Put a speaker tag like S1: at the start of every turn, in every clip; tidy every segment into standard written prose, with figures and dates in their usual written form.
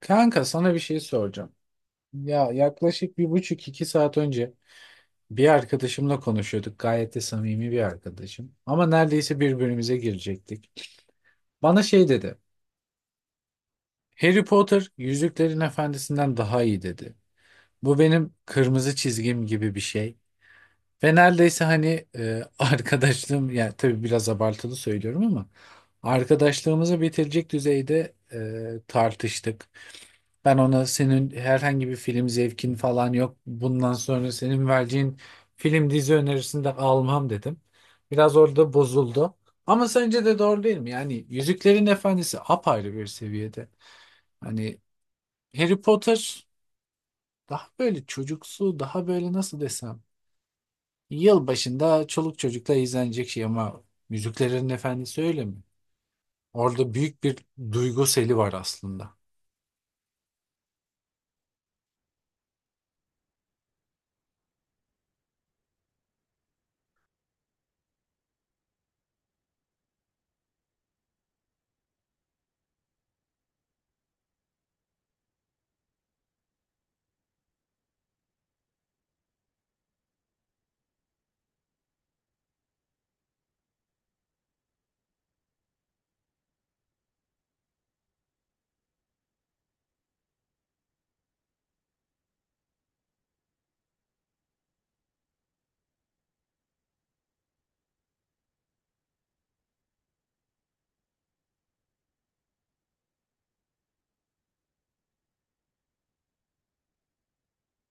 S1: Kanka sana bir şey soracağım. Ya yaklaşık bir buçuk iki saat önce bir arkadaşımla konuşuyorduk. Gayet de samimi bir arkadaşım. Ama neredeyse birbirimize girecektik. Bana şey dedi. Harry Potter Yüzüklerin Efendisi'nden daha iyi dedi. Bu benim kırmızı çizgim gibi bir şey. Ve neredeyse hani arkadaşlığım yani tabii biraz abartılı söylüyorum ama arkadaşlığımızı bitirecek düzeyde tartıştık. Ben ona senin herhangi bir film zevkin falan yok. Bundan sonra senin vereceğin film dizi önerisini de almam dedim. Biraz orada bozuldu. Ama sence de doğru değil mi? Yani Yüzüklerin Efendisi apayrı bir seviyede. Hani Harry Potter daha böyle çocuksu, daha böyle nasıl desem. Yılbaşında çoluk çocukla izlenecek şey ama Yüzüklerin Efendisi öyle mi? Orada büyük bir duygu seli var aslında.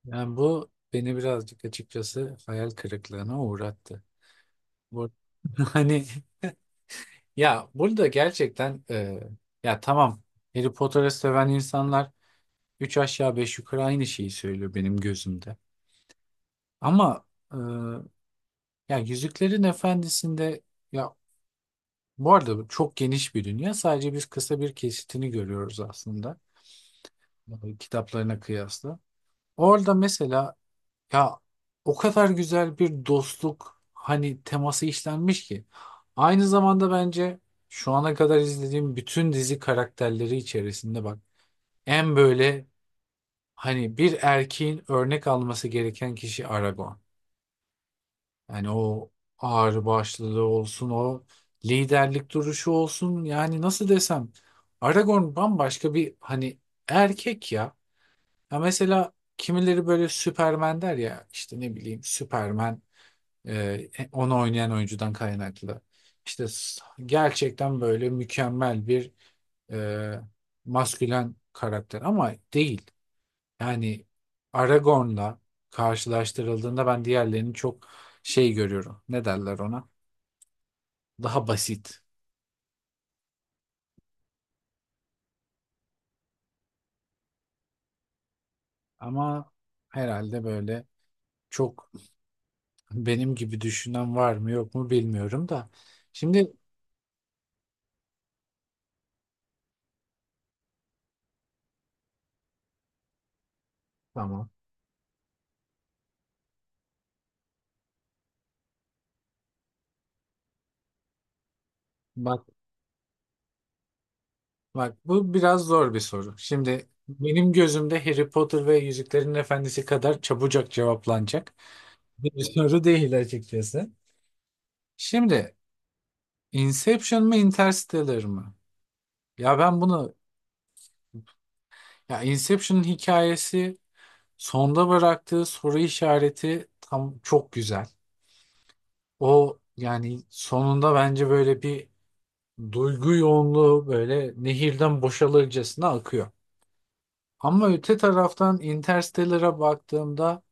S1: Yani bu beni birazcık açıkçası hayal kırıklığına uğrattı. Bu, hani ya burada gerçekten ya tamam Harry Potter'ı seven insanlar üç aşağı beş yukarı aynı şeyi söylüyor benim gözümde. Ama e, ya Yüzüklerin Efendisi'nde ya bu arada bu çok geniş bir dünya. Sadece biz kısa bir kesitini görüyoruz aslında kitaplarına kıyasla. Orada mesela ya o kadar güzel bir dostluk hani teması işlenmiş ki. Aynı zamanda bence şu ana kadar izlediğim bütün dizi karakterleri içerisinde bak en böyle hani bir erkeğin örnek alması gereken kişi Aragorn. Yani o ağırbaşlılığı olsun, o liderlik duruşu olsun yani nasıl desem Aragorn bambaşka bir hani erkek ya. Ya mesela kimileri böyle Süpermen der ya işte ne bileyim Süpermen. Onu oynayan oyuncudan kaynaklı. İşte gerçekten böyle mükemmel bir e, maskülen karakter ama değil. Yani Aragorn'la karşılaştırıldığında ben diğerlerini çok şey görüyorum. Ne derler ona? Daha basit. Ama herhalde böyle çok benim gibi düşünen var mı yok mu bilmiyorum da. Şimdi tamam. Bak Bak bu biraz zor bir soru. Şimdi benim gözümde Harry Potter ve Yüzüklerin Efendisi kadar çabucak cevaplanacak bir soru değil açıkçası. Şimdi Inception mı Interstellar mı? Ya ben bunu ya Inception'ın hikayesi sonda bıraktığı soru işareti tam çok güzel. O yani sonunda bence böyle bir duygu yoğunluğu böyle nehirden boşalırcasına akıyor. Ama öte taraftan Interstellar'a baktığımda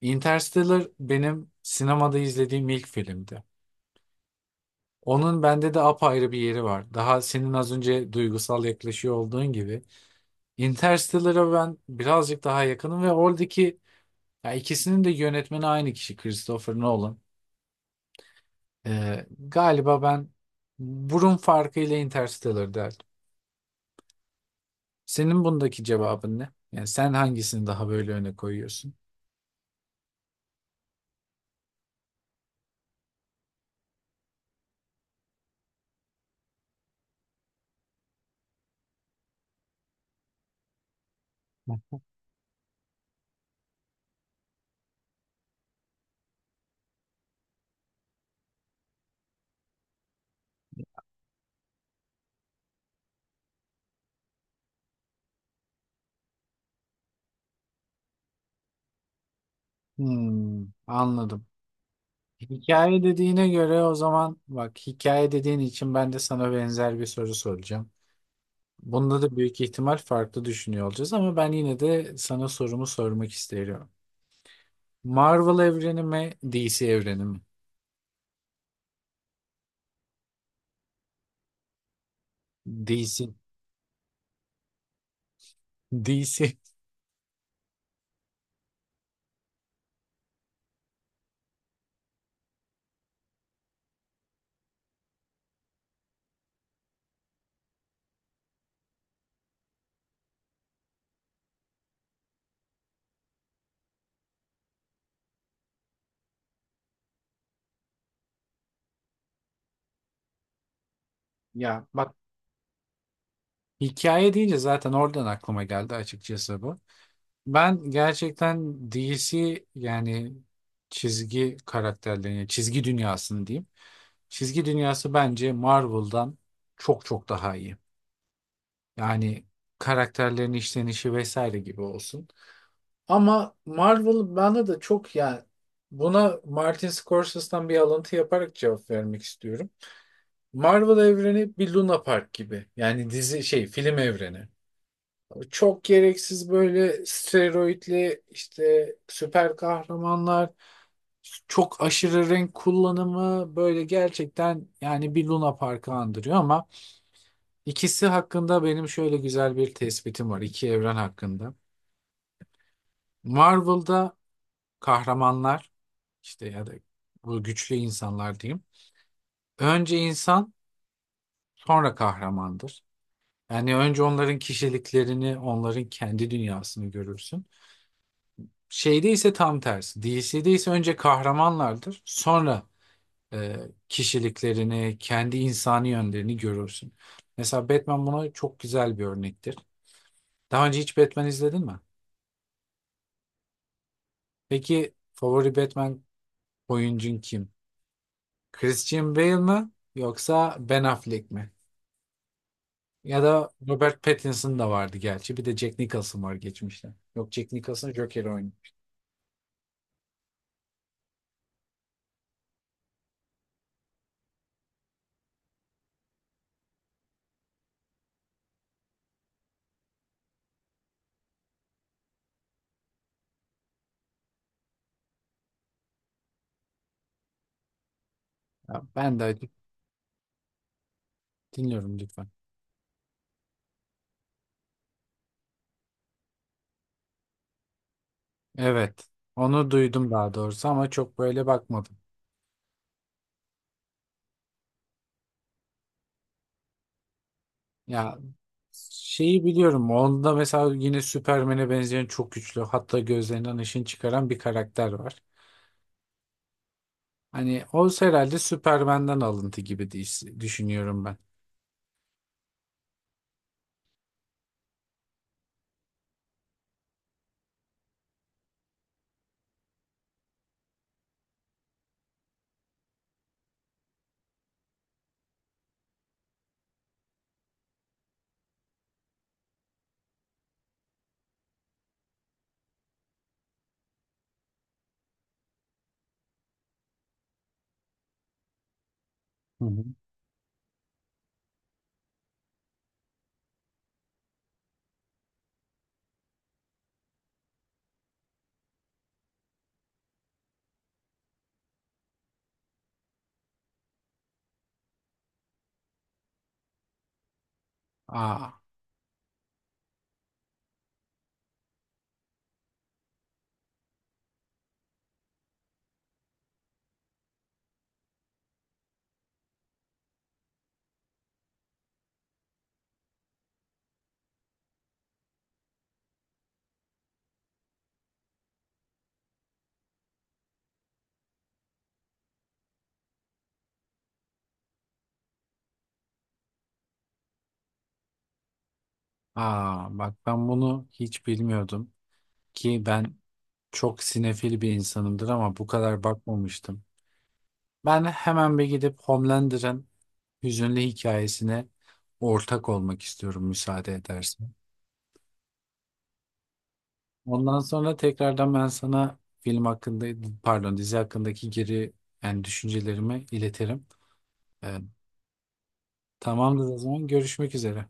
S1: Interstellar benim sinemada izlediğim ilk filmdi. Onun bende de apayrı bir yeri var. Daha senin az önce duygusal yaklaşıyor olduğun gibi. Interstellar'a ben birazcık daha yakınım ve oradaki ya ikisinin de yönetmeni aynı kişi Christopher Nolan. Galiba ben burun farkıyla Interstellar derdim. Senin bundaki cevabın ne? Yani sen hangisini daha böyle öne koyuyorsun? Hmm, anladım. Hikaye dediğine göre o zaman bak hikaye dediğin için ben de sana benzer bir soru soracağım. Bunda da büyük ihtimal farklı düşünüyor olacağız ama ben yine de sana sorumu sormak isterim. Marvel evreni mi, DC evreni mi? DC. DC. Ya bak hikaye deyince zaten oradan aklıma geldi açıkçası bu. Ben gerçekten DC, yani çizgi karakterlerini, çizgi dünyasını diyeyim. Çizgi dünyası bence Marvel'dan çok çok daha iyi. Yani karakterlerin işlenişi vesaire gibi olsun. Ama Marvel bana da çok yani buna Martin Scorsese'den bir alıntı yaparak cevap vermek istiyorum. Marvel evreni bir Luna Park gibi. Yani dizi şey film evreni. Çok gereksiz böyle steroidli işte süper kahramanlar, çok aşırı renk kullanımı böyle gerçekten yani bir Luna Park'ı andırıyor ama ikisi hakkında benim şöyle güzel bir tespitim var iki evren hakkında. Marvel'da kahramanlar işte ya da bu güçlü insanlar diyeyim. Önce insan sonra kahramandır. Yani önce onların kişiliklerini, onların kendi dünyasını görürsün. Şeyde ise tam tersi. DC'de ise önce kahramanlardır. Sonra e, kişiliklerini, kendi insani yönlerini görürsün. Mesela Batman buna çok güzel bir örnektir. Daha önce hiç Batman izledin mi? Peki favori Batman oyuncun kim? Christian Bale mi yoksa Ben Affleck mi? Ya da Robert Pattinson da vardı gerçi. Bir de Jack Nicholson var geçmişte. Yok, Jack Nicholson Joker oynuyor. Ya ben de dinliyorum lütfen. Evet. Onu duydum daha doğrusu ama çok böyle bakmadım. Ya şeyi biliyorum. Onda mesela yine Superman'e benzeyen çok güçlü. Hatta gözlerinden ışın çıkaran bir karakter var. Hani o herhalde Superman'den alıntı gibi düşünüyorum ben. Hı hı. Aa, aa bak ben bunu hiç bilmiyordum ki ben çok sinefil bir insanımdır ama bu kadar bakmamıştım. Ben hemen bir gidip Homelander'ın hüzünlü hikayesine ortak olmak istiyorum müsaade edersen. Ondan sonra tekrardan ben sana film hakkında, pardon dizi hakkındaki geri yani düşüncelerimi iletirim. Ee, Tamamdır o zaman, görüşmek üzere.